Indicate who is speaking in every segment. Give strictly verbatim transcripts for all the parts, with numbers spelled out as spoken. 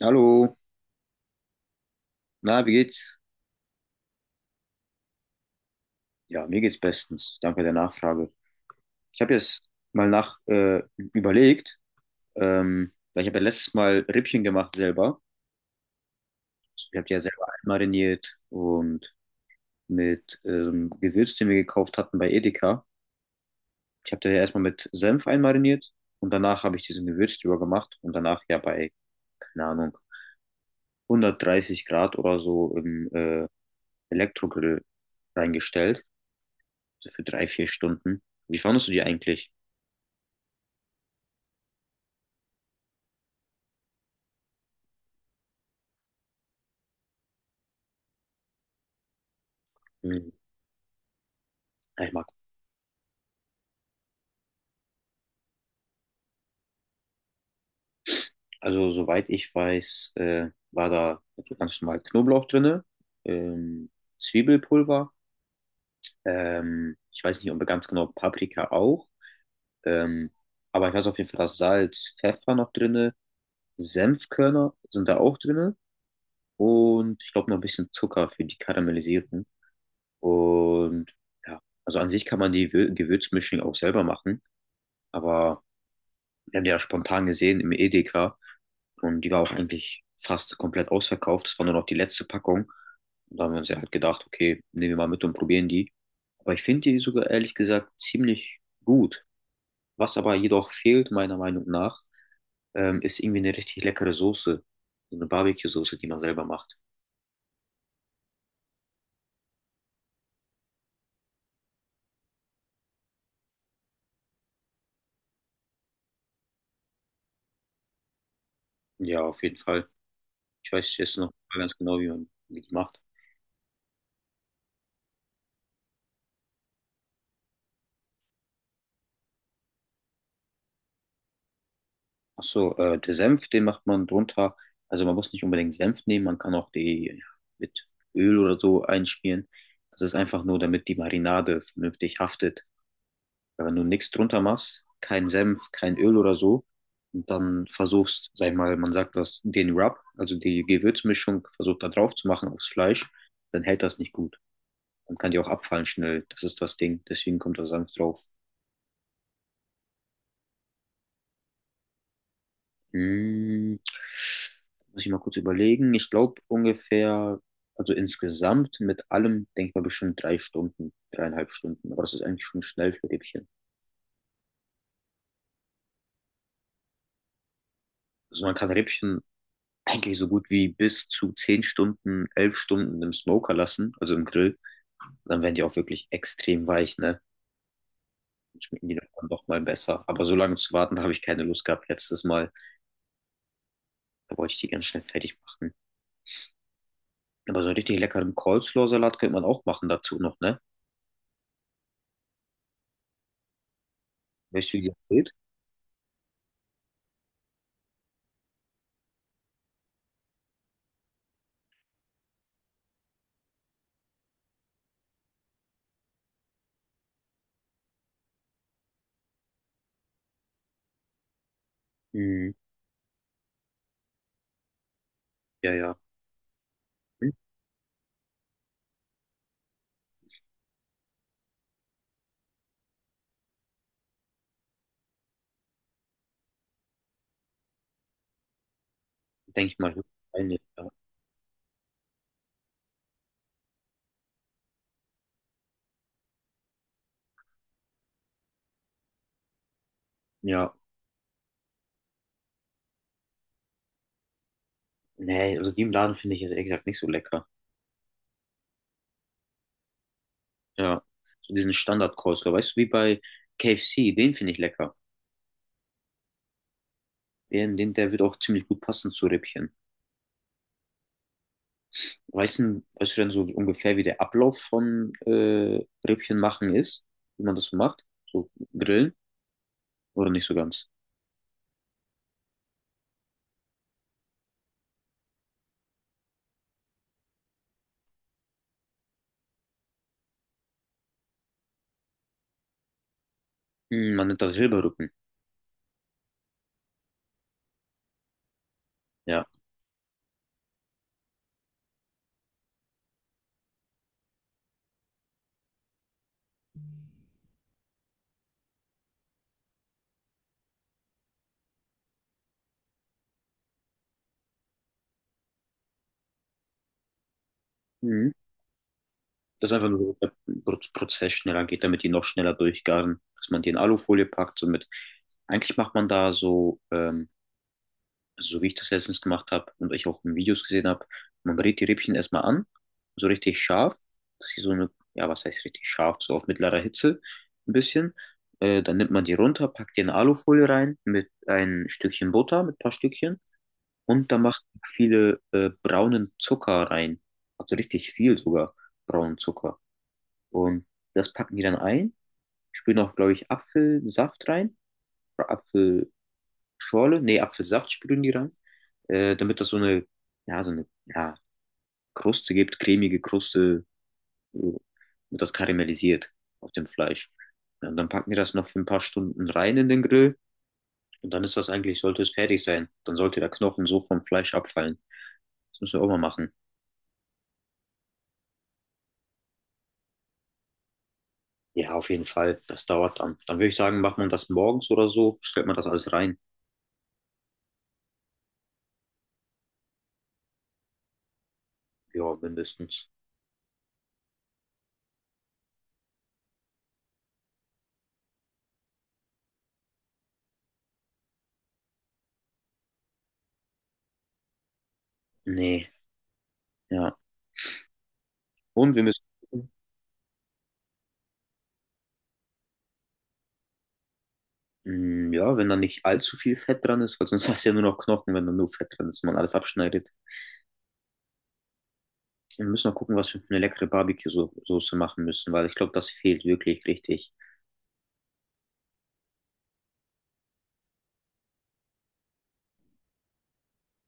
Speaker 1: Hallo, na, wie geht's? Ja, mir geht's bestens. Danke der Nachfrage. Ich habe jetzt mal nach äh, überlegt, ähm, weil ich habe ja letztes Mal Rippchen gemacht selber. Ich habe die ja selber einmariniert und mit ähm, Gewürz, den wir gekauft hatten bei Edeka. Ich habe die ja erstmal mit Senf einmariniert und danach habe ich diesen Gewürz drüber gemacht und danach ja bei, keine Ahnung, hundertdreißig Grad oder so im äh, Elektrogrill reingestellt. So für drei, vier Stunden. Wie fandest du die eigentlich? Ja, ich mag, also soweit ich weiß, äh, war da so ganz normal Knoblauch drinne, ähm, Zwiebelpulver, ähm, ich weiß nicht, ob ganz genau Paprika auch, ähm, aber ich weiß auf jeden Fall, dass Salz, Pfeffer noch drinne, Senfkörner sind da auch drinne und ich glaube noch ein bisschen Zucker für die Karamellisierung. Und ja, also an sich kann man die Wür- Gewürzmischung auch selber machen, aber wir haben die ja spontan gesehen im Edeka. Und die war auch eigentlich fast komplett ausverkauft. Das war nur noch die letzte Packung. Und da haben wir uns ja halt gedacht, okay, nehmen wir mal mit und probieren die. Aber ich finde die sogar ehrlich gesagt ziemlich gut. Was aber jedoch fehlt, meiner Meinung nach, ähm, ist irgendwie eine richtig leckere Soße. So eine Barbecue-Soße, die man selber macht. Ja, auf jeden Fall. Ich weiß jetzt noch nicht ganz genau, wie man wie die macht. Ach so, äh, der Senf, den macht man drunter. Also man muss nicht unbedingt Senf nehmen, man kann auch die ja, mit Öl oder so einschmieren. Das ist einfach nur, damit die Marinade vernünftig haftet. Weil wenn du nichts drunter machst, kein Senf, kein Öl oder so, und dann versuchst, sag ich mal, man sagt das, den Rub, also die Gewürzmischung, versucht da drauf zu machen aufs Fleisch, dann hält das nicht gut. Dann kann die auch abfallen schnell. Das ist das Ding. Deswegen kommt da Senf drauf. Hm, muss ich mal kurz überlegen. Ich glaube ungefähr, also insgesamt mit allem, denke ich mal, bestimmt drei Stunden, dreieinhalb Stunden. Aber das ist eigentlich schon schnell für Rippchen. Also man kann Rippchen eigentlich so gut wie bis zu zehn Stunden, elf Stunden im Smoker lassen, also im Grill. Dann werden die auch wirklich extrem weich, ne? Dann schmecken die dann doch mal besser. Aber so lange zu warten, da habe ich keine Lust gehabt letztes Mal. Da wollte ich die ganz schnell fertig machen. Aber so einen richtig leckeren Coleslaw-Salat könnte man auch machen dazu noch, ne? Weißt du, wie das geht? Ja, ja. Hm? Denke ich mal, höchstwahrscheinlich, ja. Ja, nee, also die im Laden finde ich jetzt ehrlich gesagt nicht so lecker. Ja, so diesen Standard-Coleslaw, weißt du, wie bei K F C, den finde ich lecker. Den, den, der wird auch ziemlich gut passen zu Rippchen. Weißt du, weißt du denn so ungefähr, wie der Ablauf von äh, Rippchen machen ist? Wie man das so macht? So grillen? Oder nicht so ganz? Hm, man nennt das Silberrücken. Ja. Mhm. Dass einfach nur damit der Pro- Prozess schneller geht, damit die noch schneller durchgaren, dass man die in Alufolie packt. So mit, eigentlich macht man da so, ähm, so wie ich das letztens gemacht habe und ich auch in Videos gesehen habe, man brät die Rippchen erstmal an, so richtig scharf, dass sie so eine, ja, was heißt richtig scharf, so auf mittlerer Hitze ein bisschen. Äh, dann nimmt man die runter, packt die in Alufolie rein mit ein Stückchen Butter, mit ein paar Stückchen und da macht man viele äh, braunen Zucker rein. Also richtig viel sogar braunen Zucker. Und das packen die dann ein, spülen auch, glaube ich, Apfelsaft rein, oder Apfelschorle, nee, Apfelsaft spülen die rein, äh, damit das so eine, ja, so eine, ja, Kruste gibt, cremige Kruste, so, und das karamellisiert auf dem Fleisch. Ja, und dann packen die das noch für ein paar Stunden rein in den Grill und dann ist das eigentlich, sollte es fertig sein. Dann sollte der Knochen so vom Fleisch abfallen. Das müssen wir auch mal machen. Ja, auf jeden Fall, das dauert dann. Dann würde ich sagen, macht man das morgens oder so, stellt man das alles rein. Ja, mindestens. Nee, ja. Und wir müssen, gucken, mm, ja, wenn da nicht allzu viel Fett dran ist, weil sonst hast du ja nur noch Knochen, wenn da nur Fett dran ist und man alles abschneidet. Wir müssen noch gucken, was wir für eine leckere Barbecue-Soße machen müssen, weil ich glaube, das fehlt wirklich richtig.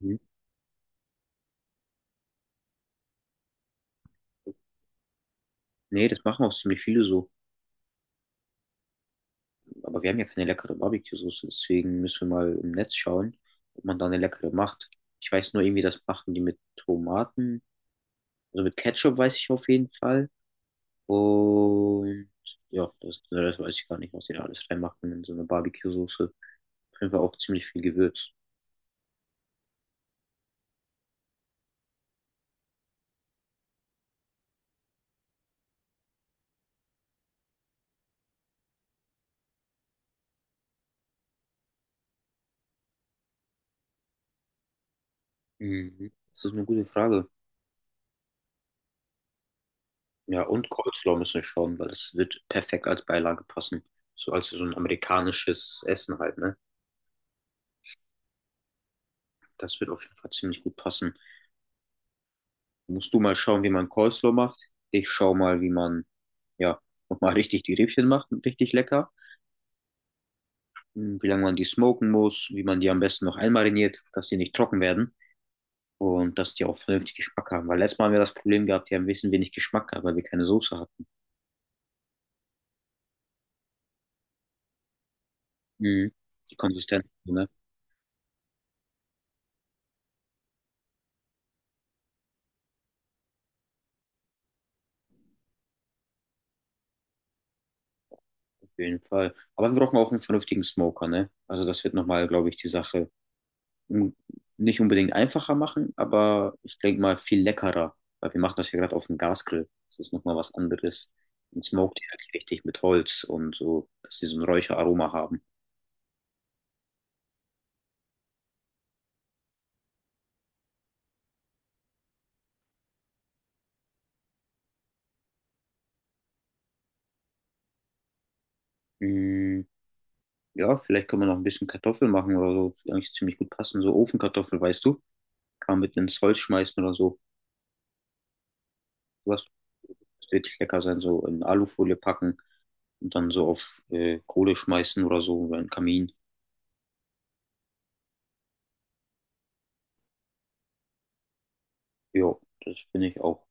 Speaker 1: Mhm. Nee, das machen auch ziemlich viele so. Aber wir haben ja keine leckere Barbecue-Soße, deswegen müssen wir mal im Netz schauen, ob man da eine leckere macht. Ich weiß nur irgendwie, das machen die mit Tomaten. Also mit Ketchup weiß ich auf jeden Fall. Und ja, das, das weiß ich gar nicht, was die da alles reinmachen in so eine Barbecue-Soße. Auf jeden Fall auch ziemlich viel Gewürz. Mhm. Das ist eine gute Frage. Ja, und Coleslaw müssen wir schauen, weil das wird perfekt als Beilage passen. So als so ein amerikanisches Essen halt, ne? Das wird auf jeden Fall ziemlich gut passen. Musst du mal schauen, wie man Coleslaw macht. Ich schau mal, wie man, ja, nochmal richtig die Rippchen macht, richtig lecker. Hm, wie lange man die smoken muss, wie man die am besten noch einmariniert, dass die nicht trocken werden und dass die auch vernünftig Geschmack haben. Weil letztes Mal haben wir das Problem gehabt, die haben ein bisschen wenig Geschmack gehabt, weil wir keine Soße hatten. Mhm. Die Konsistenz, ne? Auf jeden Fall. Aber wir brauchen auch einen vernünftigen Smoker, ne? Also das wird nochmal, glaube ich, die Sache un- nicht unbedingt einfacher machen, aber ich denke mal viel leckerer, weil wir machen das ja gerade auf dem Gasgrill. Das ist nochmal was anderes. Und smoked die halt richtig mit Holz und so, dass sie so ein Räucheraroma haben. Mm, ja, vielleicht können wir noch ein bisschen Kartoffeln machen oder so. Die eigentlich ziemlich gut passen. So Ofenkartoffel, weißt du? Kann man mit ins Holz schmeißen oder so. Was wird richtig lecker sein, so in Alufolie packen und dann so auf äh, Kohle schmeißen oder so oder einen Kamin. Ja, das finde ich auch.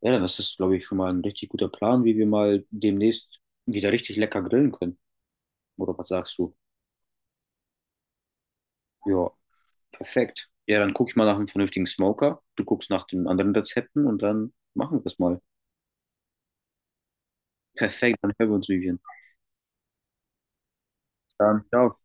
Speaker 1: Ja, das ist, glaube ich, schon mal ein richtig guter Plan, wie wir mal demnächst wieder richtig lecker grillen können. Oder was sagst du? Ja, perfekt. Ja, dann gucke ich mal nach einem vernünftigen Smoker. Du guckst nach den anderen Rezepten und dann machen wir das mal. Perfekt, dann hören wir uns, Vivian. Bis dann, ciao.